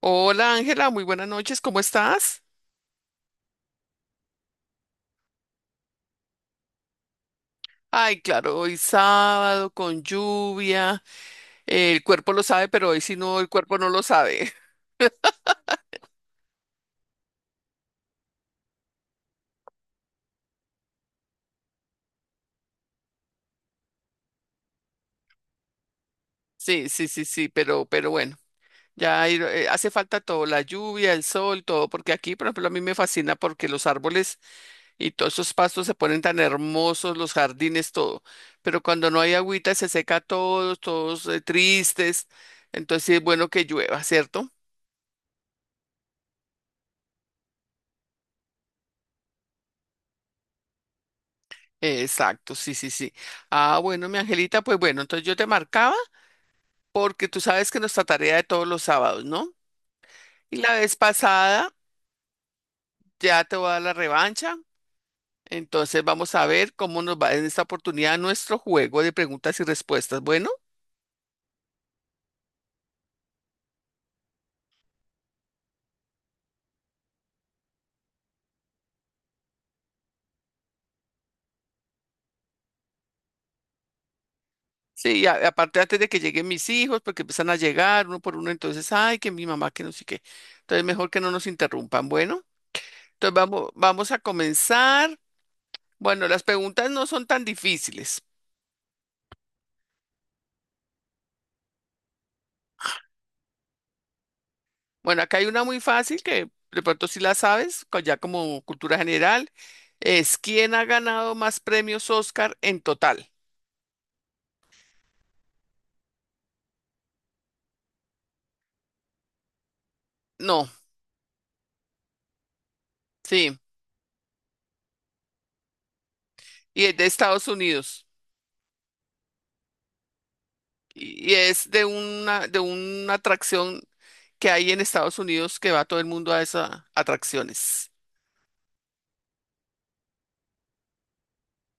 Hola Ángela, muy buenas noches, ¿cómo estás? Ay, claro, hoy sábado con lluvia, el cuerpo lo sabe, pero hoy si no, el cuerpo no lo sabe. Sí, sí, sí, sí, pero bueno, hace falta todo, la lluvia, el sol, todo, porque aquí, por ejemplo, a mí me fascina porque los árboles y todos esos pastos se ponen tan hermosos, los jardines, todo, pero cuando no hay agüita se seca todo, todos tristes, entonces sí es bueno que llueva, ¿cierto? Exacto, sí, sí, sí. Ah, bueno, mi Angelita, pues bueno, entonces yo te marcaba porque tú sabes que nuestra tarea de todos los sábados, ¿no? Y la vez pasada ya te voy a dar la revancha, entonces vamos a ver cómo nos va en esta oportunidad nuestro juego de preguntas y respuestas. Bueno, sí, aparte antes de que lleguen mis hijos, porque empiezan a llegar uno por uno, entonces, ay, que mi mamá, que no sé qué. Entonces, mejor que no nos interrumpan. Bueno, entonces vamos, vamos a comenzar. Bueno, las preguntas no son tan difíciles. Bueno, acá hay una muy fácil que de pronto sí la sabes, ya como cultura general, es ¿quién ha ganado más premios Oscar en total? No, sí, y es de Estados Unidos y es de una atracción que hay en Estados Unidos que va todo el mundo a esas atracciones.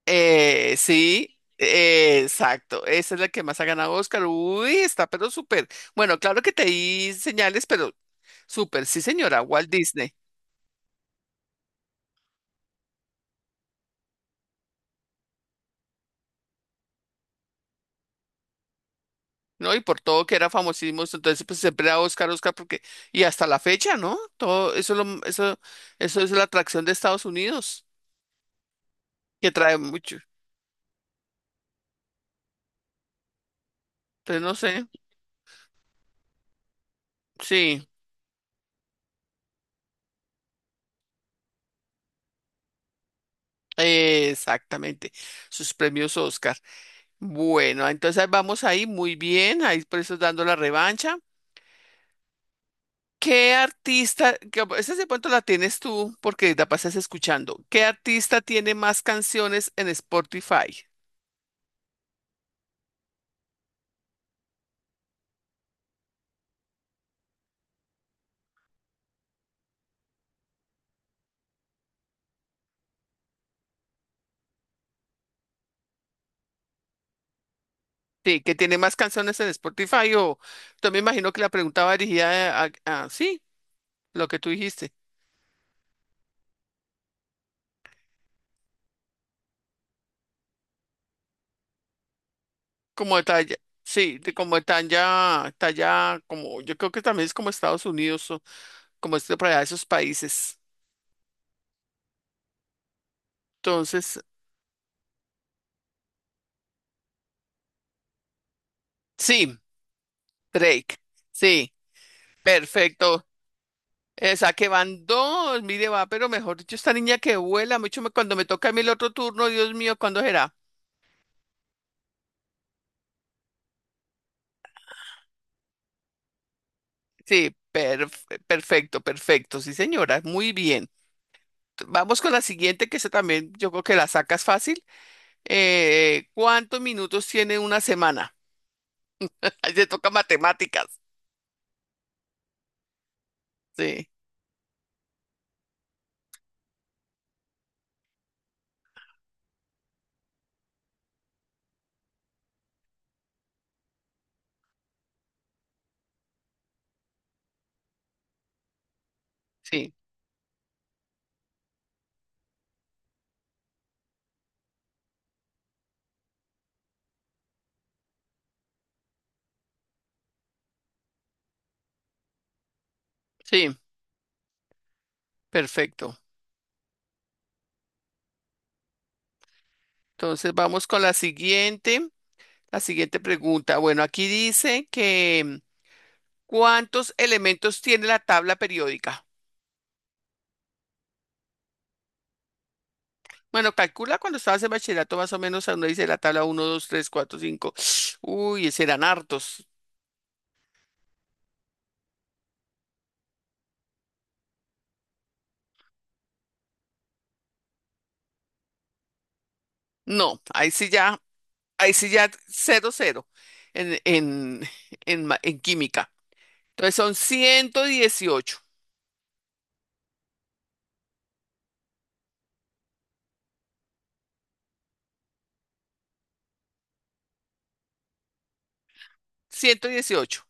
Sí, exacto, esa es la que más ha ganado Oscar. Uy, está pero súper. Bueno, claro que te di señales, pero súper, sí señora, Walt Disney. ¿No? Y por todo que era famosísimo, entonces pues siempre era Oscar, Oscar, porque, y hasta la fecha, ¿no? Todo eso, eso es la atracción de Estados Unidos, que trae mucho. Entonces, no sé, sí, exactamente, sus premios Oscar. Bueno, entonces vamos ahí, muy bien, ahí por eso dando la revancha. ¿Qué artista, esa de pronto la tienes tú porque la pasas escuchando? ¿Qué artista tiene más canciones en Spotify? Sí, que tiene más canciones en Spotify o yo me imagino que la pregunta va dirigida sí, lo que tú dijiste, como de talla, sí, de como de talla, talla, como yo creo que también es como Estados Unidos o como este para allá, esos países. Entonces, sí, Drake, sí, perfecto. Esa que van dos, mire, va, pero mejor dicho, esta niña que vuela mucho, cuando me toca a mí el otro turno, Dios mío, ¿cuándo será? Sí, perfecto, perfecto, sí, señora, muy bien. Vamos con la siguiente, que esa también yo creo que la sacas fácil. ¿Cuántos minutos tiene una semana? Ahí te toca matemáticas. Sí, sí, sí, perfecto. Entonces vamos con la siguiente pregunta. Bueno, aquí dice que ¿cuántos elementos tiene la tabla periódica? Bueno, calcula cuando estabas en bachillerato más o menos, a uno dice la tabla uno, 2, 3, 4, 5. Uy, ese eran hartos. No, ahí sí ya cero, cero en, en, en química. Entonces son 118, 118.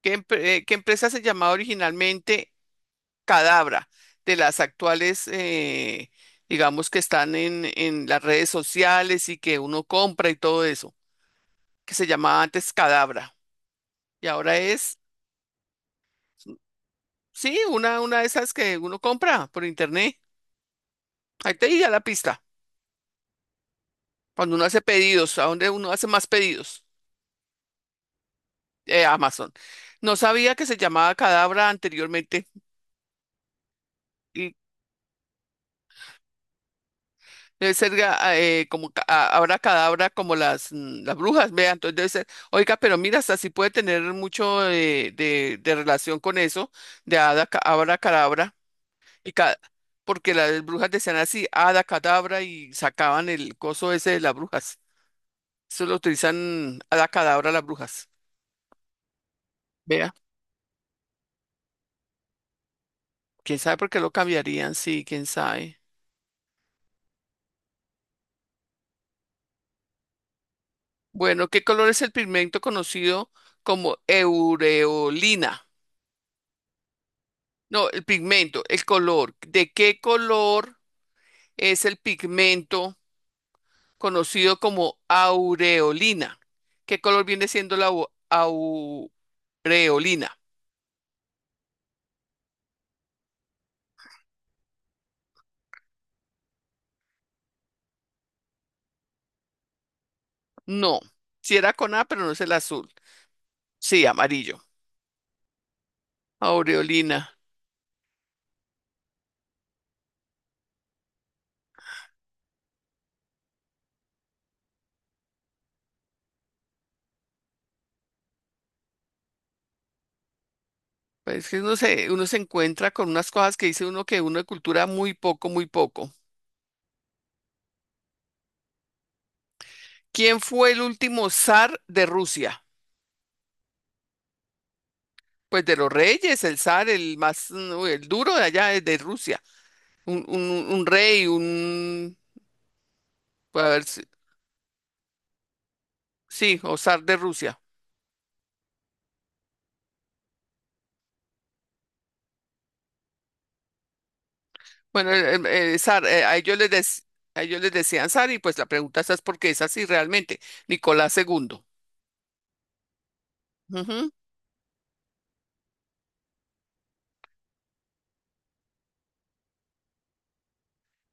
¿Qué empresa se llamaba originalmente Cadabra? De las actuales, digamos, que están en las redes sociales y que uno compra y todo eso, que se llamaba antes Cadabra. Y ahora es, sí, una de esas que uno compra por internet. Ahí te di ya la pista. Cuando uno hace pedidos, ¿a dónde uno hace más pedidos? Amazon. No sabía que se llamaba Cadabra anteriormente. Y debe ser como ahora Cadabra como las brujas, vea, entonces debe ser, oiga, pero mira, hasta sí puede tener mucho de relación con eso, de Hada, Ca- Abra, Cadabra, y ca- porque las brujas decían así, Hada, Cadabra, y sacaban el coso ese de las brujas. Eso lo utilizan Hada, Cadabra las brujas. Vea, quién sabe por qué lo cambiarían, sí, quién sabe. Bueno, ¿qué color es el pigmento conocido como eureolina? No, el pigmento, el color. ¿De qué color es el pigmento conocido como aureolina? ¿Qué color viene siendo la aureolina? No, si era con A, pero no es el azul. Sí, amarillo. Aureolina. Pues es que no sé, uno se encuentra con unas cosas que dice uno que uno de cultura muy poco, muy poco. ¿Quién fue el último zar de Rusia? Pues de los reyes, el zar, el más, el duro de allá es de Rusia. Un rey, a ver, sí, o zar de Rusia. Bueno, el zar, a ellos les decían zar y pues la pregunta esa es porque es así realmente, Nicolás II. Ujú.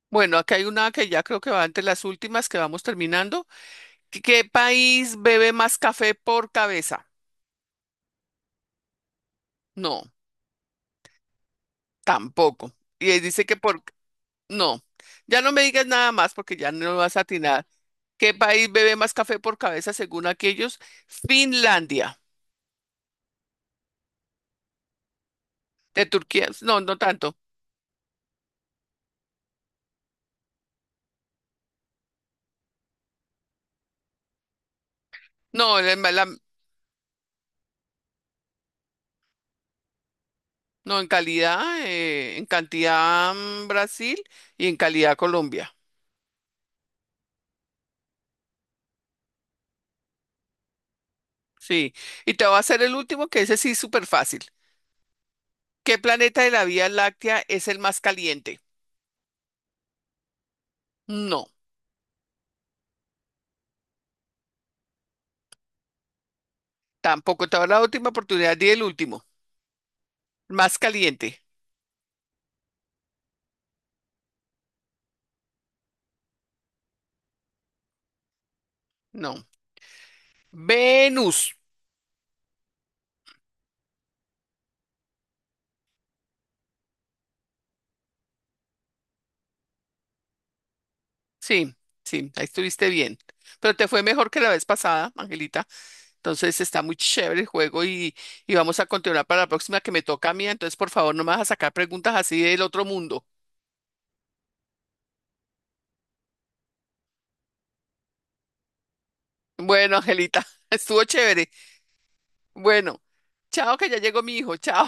Bueno, aquí hay una que ya creo que va entre las últimas que vamos terminando. ¿Qué país bebe más café por cabeza? No, tampoco. Y él dice que por, no, ya no me digas nada más porque ya no lo vas a atinar. ¿Qué país bebe más café por cabeza según aquellos? Finlandia. De Turquía, no, no tanto. No, en calidad, en cantidad Brasil y en calidad Colombia. Sí. Y te voy a hacer el último, que ese sí es súper fácil. ¿Qué planeta de la Vía Láctea es el más caliente? No, tampoco. Te voy a dar la última oportunidad y el último. Más caliente. No. Venus. Sí, sí, ahí estuviste bien. Pero te fue mejor que la vez pasada, Angelita. Entonces está muy chévere el juego y vamos a continuar para la próxima que me toca a mí. Entonces, por favor, no me vas a sacar preguntas así del otro mundo. Bueno, Angelita, estuvo chévere. Bueno, chao, que ya llegó mi hijo. Chao.